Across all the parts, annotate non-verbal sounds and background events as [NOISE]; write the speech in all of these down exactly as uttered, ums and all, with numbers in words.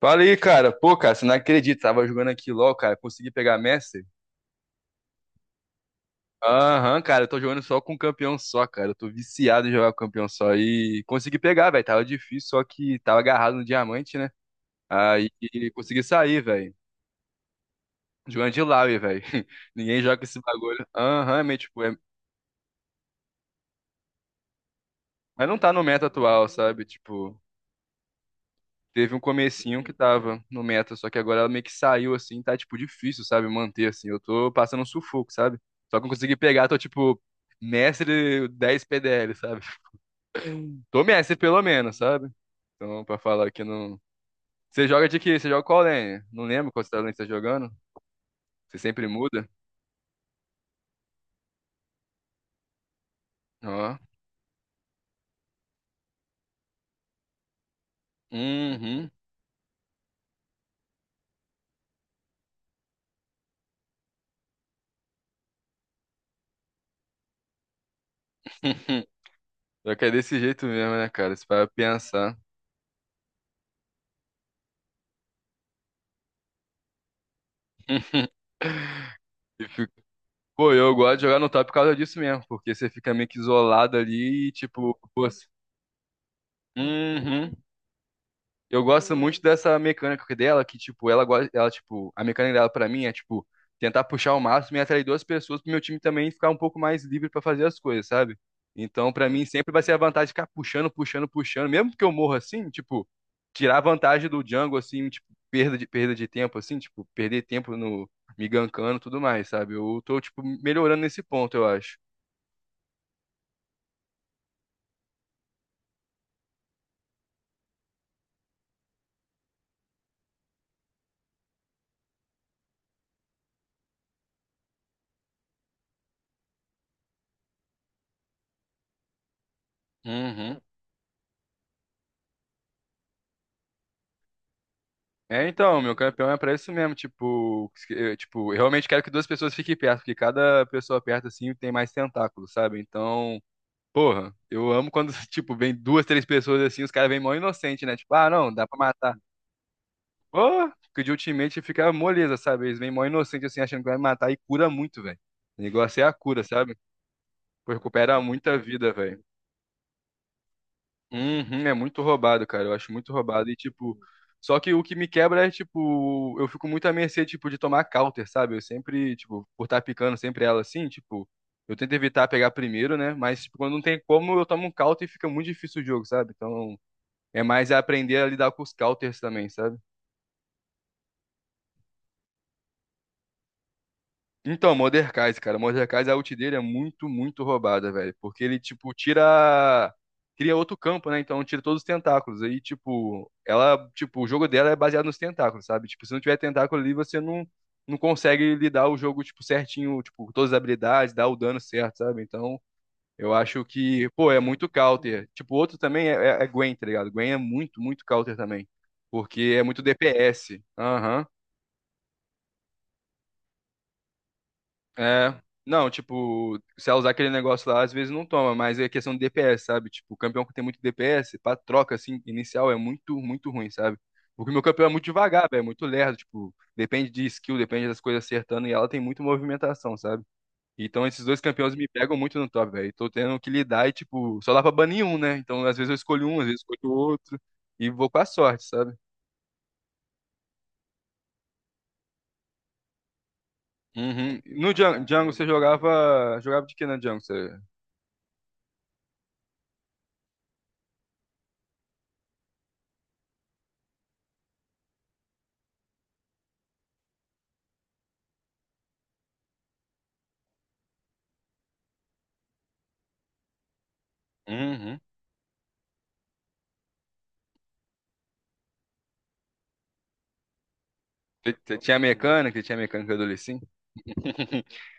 Fala aí, cara. Pô, cara, você não acredita. Tava jogando aqui LOL, cara. Consegui pegar Messi? Aham, cara. Eu tô jogando só com campeão só, cara. Eu tô viciado em jogar com campeão só. E consegui pegar, velho. Tava difícil, só que tava agarrado no diamante, né? Aí consegui sair, velho. Jogando de Laui, velho. [LAUGHS] Ninguém joga esse bagulho. Aham, mas tipo, é... Mas não tá no meta atual, sabe? Tipo. Teve um comecinho que tava no meta, só que agora ela meio que saiu assim, tá tipo difícil, sabe, manter assim. Eu tô passando um sufoco, sabe? Só que eu consegui pegar, tô tipo mestre dez P D L, sabe? Tô mestre pelo menos, sabe? Então, pra falar que não. Você joga de quê? Você joga qual lane? Não lembro qual lane você tá jogando. Você sempre muda? Ó. Uhum. [LAUGHS] Só que é desse jeito mesmo, né, cara? Você vai pensar. [LAUGHS] E fica- Pô, eu gosto de jogar no top por causa disso mesmo, porque você fica meio que isolado ali e, tipo, pô. Uhum. Eu gosto muito dessa mecânica que- dela, que, tipo, ela gosta, ela, tipo, a mecânica dela pra mim é, tipo, tentar puxar o máximo e atrair duas pessoas pro meu time também ficar um pouco mais livre pra fazer as coisas, sabe? Então, pra mim, sempre vai ser a vantagem de ficar puxando, puxando, puxando, mesmo que eu morra assim, tipo, tirar a vantagem do jungle, assim, tipo, perda de, perda de tempo, assim, tipo, perder tempo no me gankando e tudo mais, sabe? Eu tô, tipo, melhorando nesse ponto, eu acho. Uhum. É, então, meu campeão é pra isso mesmo, tipo, eu, tipo, eu realmente quero que duas pessoas fiquem perto, porque cada pessoa perto, assim, tem mais tentáculos, sabe? Então, porra, eu amo quando, [LAUGHS] tipo, vem duas, três pessoas, assim, os caras vêm mó inocente, né? Tipo, ah, não, dá pra matar. Pô, que de ultimate fica moleza, sabe? Eles vêm mó inocente, assim, achando que vai matar e cura muito, velho. O negócio é a cura, sabe? Pô, recupera muita vida, velho. Uhum, é muito roubado, cara. Eu acho muito roubado. E, tipo, só que o que me quebra é, tipo, eu fico muito à mercê, tipo, de tomar counter, sabe? Eu sempre, tipo, por estar picando sempre ela assim, tipo, eu tento evitar pegar primeiro, né? Mas, tipo, quando não tem como, eu tomo um counter e fica muito difícil o jogo, sabe? Então, é mais aprender a lidar com os counters também, sabe? Então, Mordekaiser, cara, Mordekaiser, a ult dele é muito, muito roubada, velho. Porque ele, tipo, tira. Cria outro campo, né? Então tira todos os tentáculos. Aí, tipo, ela, tipo, o jogo dela é baseado nos tentáculos, sabe? Tipo, se não tiver tentáculo ali, você não, não consegue lidar o jogo, tipo, certinho, tipo, todas as habilidades, dar o dano certo, sabe? Então, eu acho que, pô, é muito counter. Tipo, outro também é, é, é Gwen, tá ligado? Gwen é muito, muito counter também. Porque é muito D P S. Aham. É. Não, tipo, se ela usar aquele negócio lá, às vezes não toma, mas é questão de D P S, sabe? Tipo, o campeão que tem muito D P S, pra troca, assim, inicial é muito, muito ruim, sabe? Porque meu campeão é muito devagar, velho, é muito lerdo, tipo, depende de skill, depende das coisas acertando, e ela tem muita movimentação, sabe? Então esses dois campeões me pegam muito no top, velho, e tô tendo que lidar e, tipo, só dá pra banir um, né? Então às vezes eu escolho um, às vezes eu escolho outro, e vou com a sorte, sabe? Uhum. No Django, Django você jogava. Jogava de que na Django? Você. Uhum. Você você tinha mecânica? Você tinha mecânica do Lee Sin? [LAUGHS]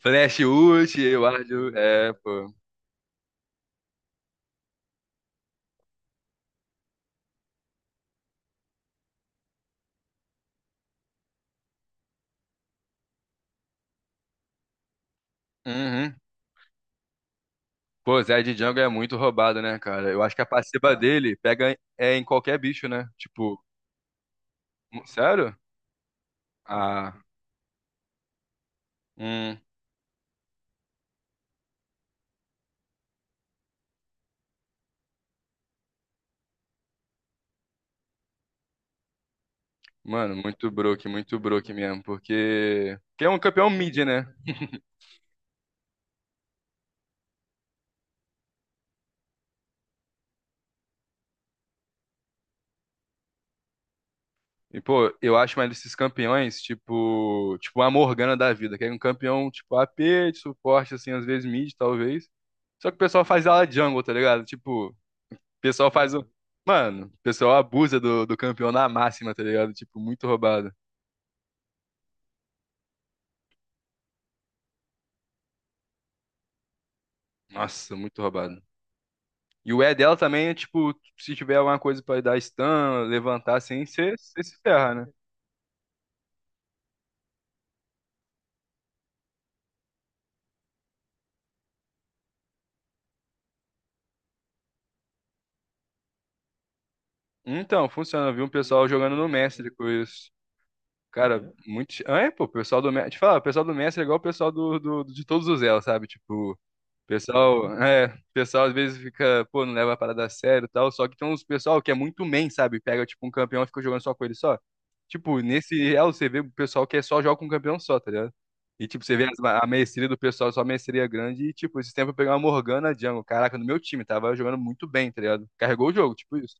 Flash ult, eu acho. É, pô. Uhum. Pô, Zé de Jungle é muito roubado, né, cara? Eu acho que a passiva dele pega é, em qualquer bicho, né? Tipo, mu- sério? Ah, hum. Mano, muito broke, muito broke mesmo, porque. Porque é um campeão mid, né? E, pô, eu acho mais desses campeões, tipo. Tipo, a Morgana da vida, que é um campeão, tipo, a AP, de suporte, assim, às vezes mid, talvez. Só que o pessoal faz ela jungle, tá ligado? Tipo. O pessoal faz um. Mano, o pessoal abusa do, do campeão na máxima, tá ligado? Tipo, muito roubado. Nossa, muito roubado. E o E dela também é tipo, se tiver alguma coisa pra dar stun, levantar assim, você se ferra, né? Então, funciona. Eu vi um pessoal jogando no Mestre com isso. Cara, muito. Ah, é, pô, o pessoal do Mestre. Te falar, o pessoal do Mestre é igual o pessoal do, do- de todos os elos, sabe? Tipo, pessoal, é, pessoal às vezes fica, pô, não leva a parada a sério e tal, só que tem uns pessoal que é muito main, sabe? Pega, tipo, um campeão e fica jogando só com ele só. Tipo, nesse real você vê o pessoal que é só joga com um campeão só, tá ligado? E, tipo, você vê as- ma- a maestria do pessoal, só maestria grande, e, tipo, esse tempo eu peguei uma Morgana Jungle, caraca, no meu time, tava jogando muito bem, tá ligado? Carregou o jogo, tipo isso.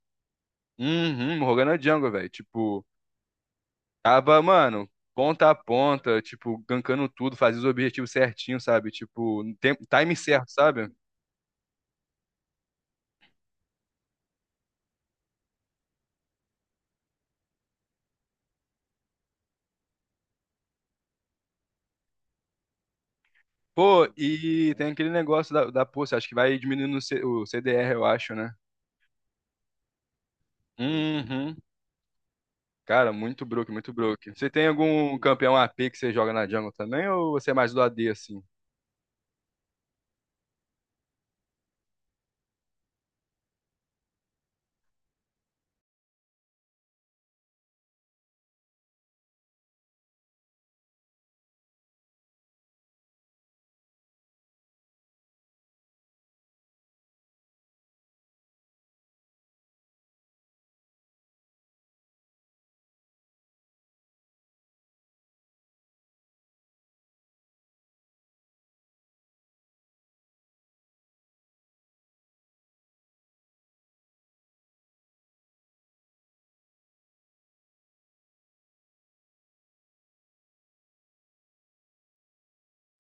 Uhum, Morgana Jungle, velho, tipo, tava, mano, ponta a ponta, tipo, gankando tudo, fazia os objetivos certinho, sabe? Tipo, no tempo- time certo, sabe? Pô, e tem aquele negócio da, da poça, acho que vai diminuindo o C- o C D R, eu acho, né? Uhum. Cara, muito broke, muito broke. Você tem algum campeão A P que você joga na jungle também, ou você é mais do A D, assim?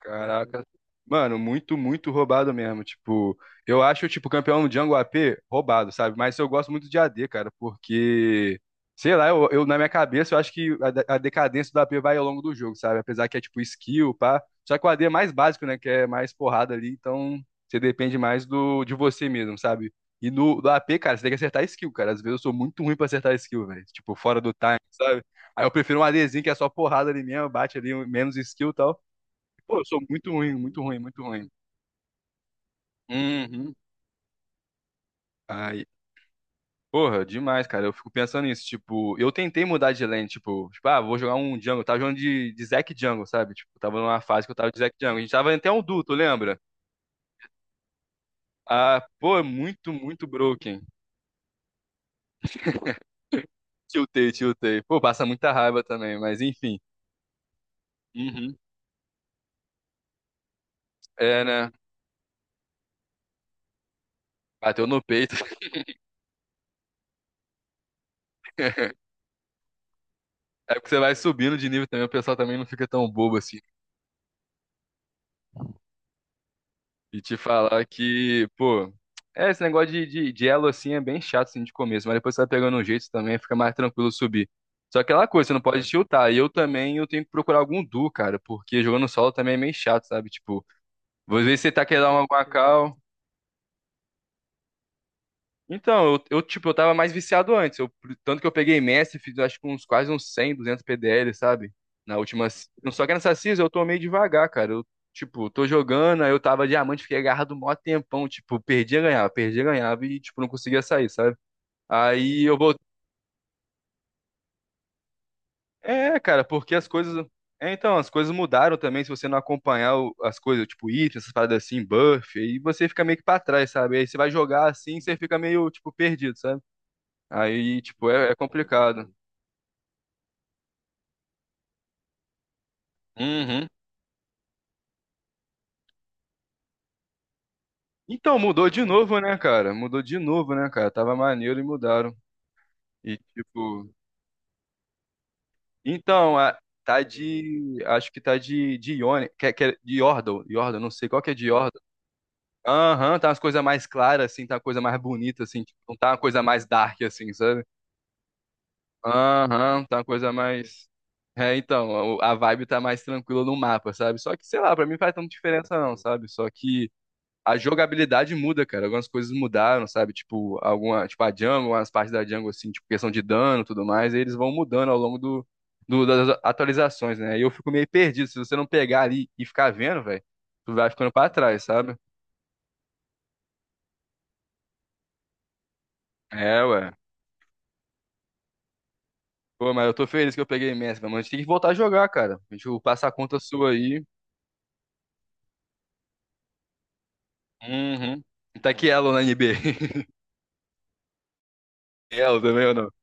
Caraca. Mano, muito, muito roubado mesmo. Tipo, eu acho, tipo, campeão Django A P roubado, sabe? Mas eu gosto muito de A D, cara, porque, sei lá, eu, eu- na minha cabeça eu acho que a, de- a decadência do A P vai ao longo do jogo, sabe? Apesar que é tipo skill, pá. Só que o A D é mais básico, né? Que é mais porrada ali, então você depende mais do, de você mesmo, sabe? E no do A P, cara, você tem que acertar skill, cara. Às vezes eu sou muito ruim pra acertar skill, velho. Tipo, fora do time, sabe? Aí eu prefiro um ADzinho que é só porrada ali mesmo, bate ali menos skill e tal. Pô, eu sou muito ruim, muito ruim, muito ruim. Uhum. Ai, porra, demais, cara. Eu fico pensando nisso, tipo, eu tentei mudar de lane, tipo, tipo, ah, vou jogar um jungle. Eu tava jogando de, de Zac Jungle, sabe? Tipo, eu tava numa fase que eu tava de Zac Jungle. A gente tava até um duto, lembra? Ah, pô, é muito, muito broken. Tiltei, tiltei. Pô, passa muita raiva também, mas enfim. Uhum. É, né? Bateu no peito. [LAUGHS] É porque você vai subindo de nível também, o pessoal também não fica tão bobo assim. E te falar que, pô, é, esse negócio de, de, de elo assim é bem chato assim de começo, mas depois você vai pegando um jeito também, fica mais tranquilo subir. Só aquela coisa, você não pode tiltar. E eu também eu tenho que procurar algum duo, cara, porque jogando solo também é meio chato, sabe? Tipo, às vezes você tá querendo dar uma guacal, então, eu, eu, tipo, eu tava mais viciado antes. Eu, tanto que eu peguei Messi, fiz acho que uns quase uns cem, duzentos P D L, sabe? Na última. se- Só que nessa season eu tô meio devagar, cara. Eu, tipo, tô jogando, aí eu tava diamante, fiquei agarrado um maior tempão. Tipo, perdia, ganhava, perdia, ganhava e, tipo, não conseguia sair, sabe? Aí eu voltei. É, cara, porque as coisas. É, então, as coisas mudaram também. Se você não acompanhar o- as coisas, tipo, item, essas paradas assim, buff, aí você fica meio que pra trás, sabe? Aí você vai jogar assim, você fica meio, tipo, perdido, sabe? Aí, tipo, é, é complicado. Uhum. Então, mudou de novo, né, cara? Mudou de novo, né, cara? Tava maneiro e mudaram. E, tipo. Então, a- tá de. Acho que tá de, de Ione. Que, que é de Yordle. Yordle, não sei qual que é de Yordle. Aham, tá umas coisas mais claras, assim. Tá uma coisa mais bonita, assim. Tipo, não tá uma coisa mais dark, assim, sabe? Aham, tá uma coisa mais. É, então, a a vibe tá mais tranquila no mapa, sabe? Só que, sei lá, pra mim não faz tanta diferença não, sabe? Só que a jogabilidade muda, cara. Algumas coisas mudaram, sabe? Tipo, alguma, tipo a Django, umas partes da Django, assim, tipo, questão de dano e tudo mais, e eles vão mudando ao longo do, do- das atualizações, né? E eu fico meio perdido. Se você não pegar ali e ficar vendo, velho, tu vai ficando pra trás, sabe? É, ué. Pô, mas eu tô feliz que eu peguei imenso, mas a gente tem que voltar a jogar, cara. A gente passa a conta sua aí. Uhum. Tá que elo na N B A? [LAUGHS] Elo também ou não?